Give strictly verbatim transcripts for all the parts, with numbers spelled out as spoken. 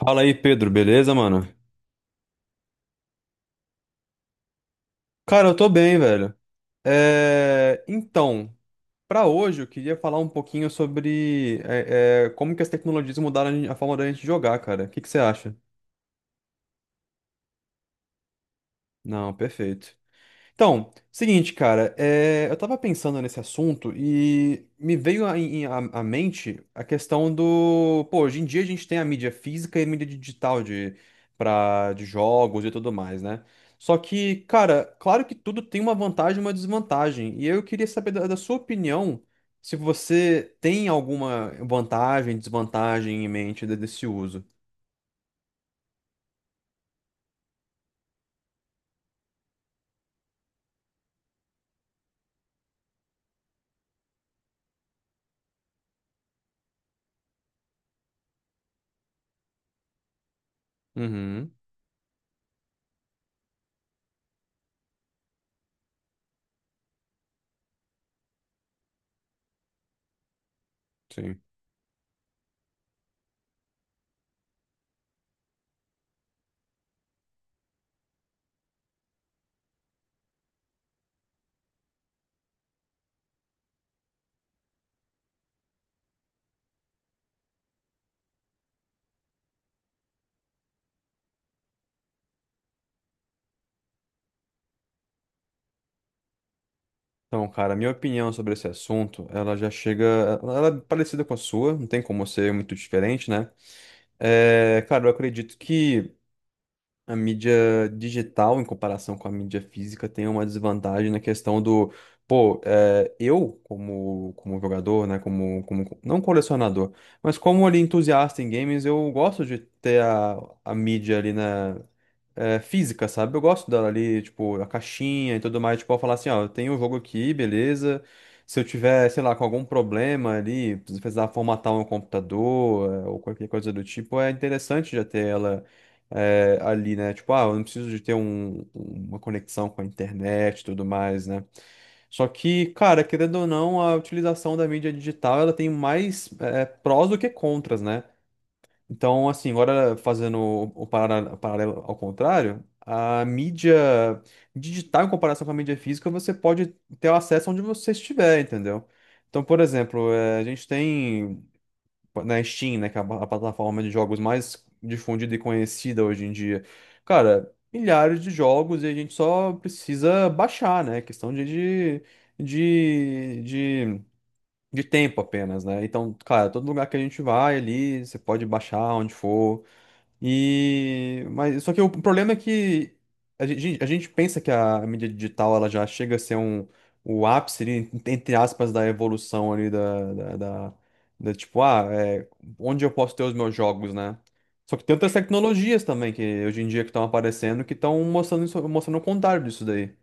Fala aí, Pedro, beleza, mano? Cara, eu tô bem, velho. É, Então, pra hoje eu queria falar um pouquinho sobre é, é, como que as tecnologias mudaram a gente- a forma da gente jogar, cara. O que que você acha? Não, perfeito. Então, seguinte, cara, é, eu tava pensando nesse assunto e me veio a- em- a- à mente a questão do, pô, hoje em dia a gente tem a mídia física e a mídia digital de, pra, de jogos e tudo mais, né? Só que, cara, claro que tudo tem uma vantagem e uma desvantagem. E eu queria saber da, da sua opinião se você tem alguma vantagem, desvantagem em mente de- desse uso. Uhum, sim. Então, cara, minha opinião sobre esse assunto, ela já chega. Ela é parecida com a sua, não tem como ser muito diferente, né? É, cara, eu acredito que a mídia digital, em comparação com a mídia física, tem uma desvantagem na questão do. Pô, é, eu, como, como jogador, né? Como, como. Não colecionador, mas como ali entusiasta em games, eu gosto de ter a, a mídia ali, né? é, física, sabe? Eu gosto dela ali, tipo, a caixinha e tudo mais. Tipo, eu falar assim, ó, eu tenho o jogo aqui, beleza. Se eu tiver, sei lá, com algum problema ali, preciso precisar formatar um computador, é, ou qualquer coisa do tipo, é interessante já ter ela é, ali, né? Tipo, ah, eu não preciso de ter um- uma conexão com a internet e tudo mais, né? Só que, cara, querendo ou não, a utilização da mídia digital, ela tem mais é, prós do que contras, né? Então, assim, agora fazendo o o parara- o paralelo ao contrário, a mídia digital em comparação com a mídia física, você pode ter o acesso onde você estiver, entendeu? Então, por exemplo, eh, a gente tem na Steam, né, que é a ba- a plataforma de jogos mais difundida e conhecida hoje em dia, cara, milhares de jogos e a gente só precisa baixar, né? Questão de, de, de, de de tempo apenas, né? Então, cara, todo lugar que a gente vai ali, você pode baixar onde for. E mas só que o problema é que a gente, a gente pensa que a mídia digital ela já chega a ser um o ápice ali, entre aspas, da evolução ali da, da, da- da, tipo ah é, onde eu posso ter os meus jogos, né? Só que tem outras tecnologias também que hoje em dia que estão aparecendo que estão mostrando isso, mostrando o contrário disso daí.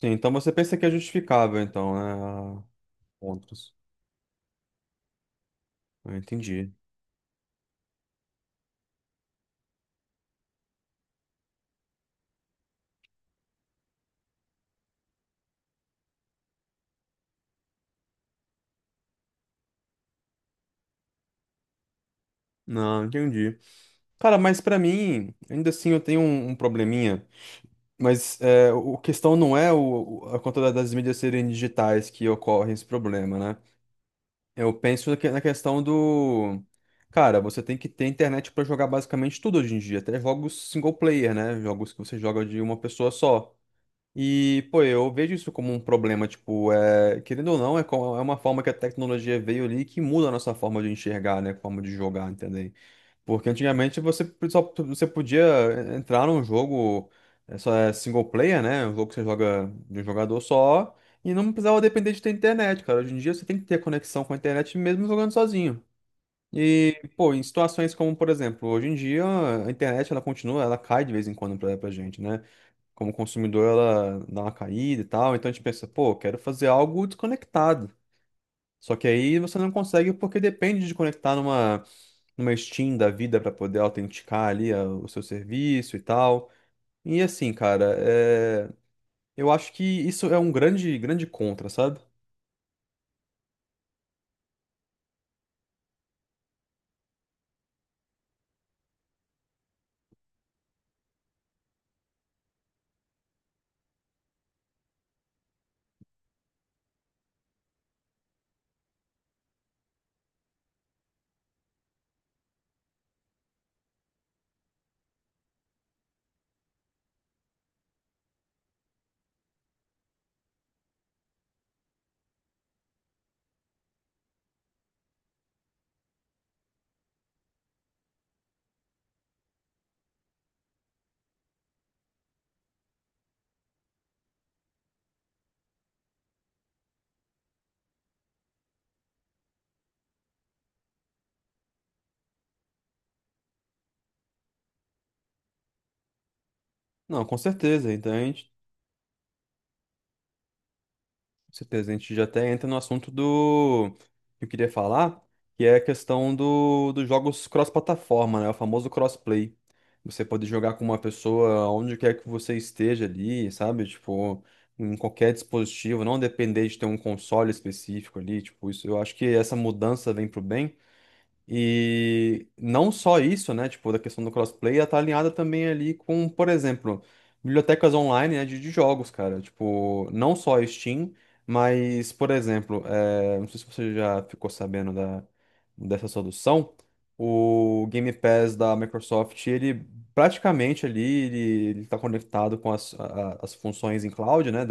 Sim, então você pensa que é justificável então, né? a- Contras. Eu entendi. Não, entendi. Cara, mas pra mim, ainda assim eu tenho um um probleminha. Mas é, o a questão não é o, o- a conta da- das mídias serem digitais que ocorre esse problema, né? Eu penso que- na questão do. Cara, você tem que ter internet pra jogar basicamente tudo hoje em dia, até jogos single player, né? Jogos que você joga de uma pessoa só. E, pô, eu vejo isso como um problema, tipo, é, querendo ou não, é, co- é uma forma que a tecnologia veio ali que muda a nossa forma de enxergar, né? Forma de jogar, entendeu? Porque antigamente você só você podia entrar num jogo, é, só é single player, né? Um jogo que você joga de um jogador só e não precisava depender de ter internet, cara. Hoje em dia você tem que ter conexão com a internet mesmo jogando sozinho. E, pô, em situações como, por exemplo, hoje em dia a internet ela continua, ela cai de vez em quando pra, pra gente, né? Como consumidor ela dá uma caída e tal, então a gente pensa, pô, quero fazer algo desconectado. Só que aí você não consegue porque depende de conectar numa numa Steam da vida para poder autenticar ali a- o seu serviço e tal. E assim, cara, é, eu acho que isso é um grande, grande contra, sabe? Não, com certeza. Então, com certeza, a gente já até entra no assunto do que eu queria falar, que é a questão do, dos jogos cross-plataforma, né? O famoso crossplay. Você pode jogar com uma pessoa onde quer que você esteja ali, sabe? Tipo, em qualquer dispositivo, não depender de ter um console específico ali, tipo, isso. Eu acho que essa mudança vem pro bem, e não só isso, né? Tipo, da questão do crossplay, ela tá alinhada também ali com, por exemplo, bibliotecas online, né, de, de jogos, cara. Tipo, não só a Steam, mas, por exemplo, eh, não sei se você já ficou sabendo da, dessa solução, o Game Pass da Microsoft, ele praticamente ali, ele, ele tá conectado com as, a- a- as funções em cloud, né?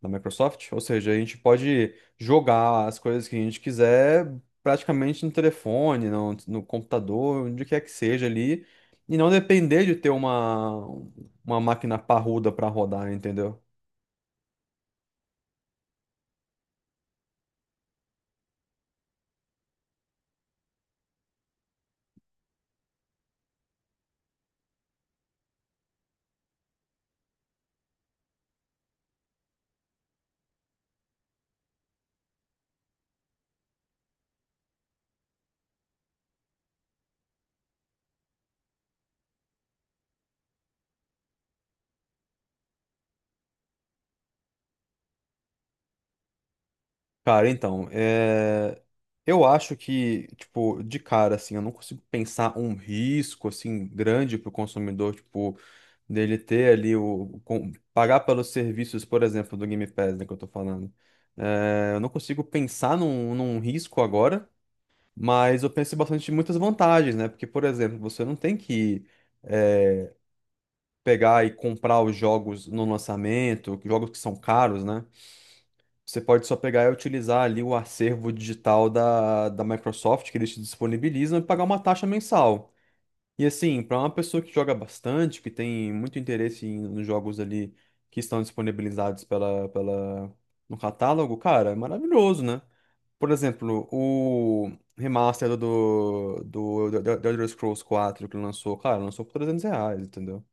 Da Microsoft. Ou seja, a gente pode jogar as coisas que a gente quiser praticamente no telefone, no, no computador, onde quer que seja ali, e não depender de ter uma, uma máquina parruda para rodar, entendeu? Cara, então, é... eu acho que, tipo, de cara, assim, eu não consigo pensar um risco, assim, grande para o consumidor, tipo. Dele ter ali o, com- pagar pelos serviços, por exemplo, do Game Pass, né, que eu tô falando. É, eu não consigo pensar num, num risco agora, mas eu penso bastante em muitas vantagens, né? Porque, por exemplo, você não tem que é, pegar e comprar os jogos no lançamento, jogos que são caros, né? Você pode só pegar e utilizar ali o acervo digital da, da Microsoft que eles te disponibilizam e pagar uma taxa mensal. E assim, para uma pessoa que joga bastante, que tem muito interesse em- nos jogos ali que estão disponibilizados pela, pela, no catálogo, cara, é maravilhoso, né? Por exemplo, o remaster do, do, do, do Elder Scrolls IV, que lançou, cara, lançou por trezentos reais, entendeu?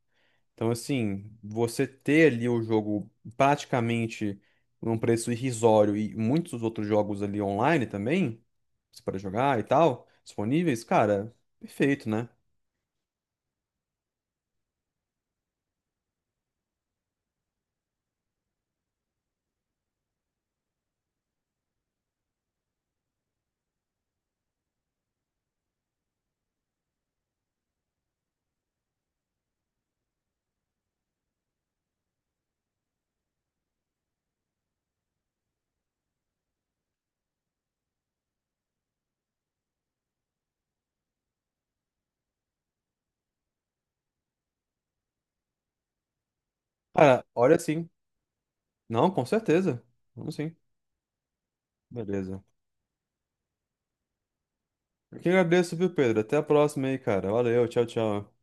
Então, assim, você ter ali o jogo praticamente num preço irrisório e muitos outros jogos ali online também, você pode jogar e tal, disponíveis, cara, perfeito, né? Cara, olha, sim. Não, com certeza. Vamos sim. Beleza. Eu que agradeço, viu, Pedro? Até a próxima aí, cara. Valeu, tchau, tchau.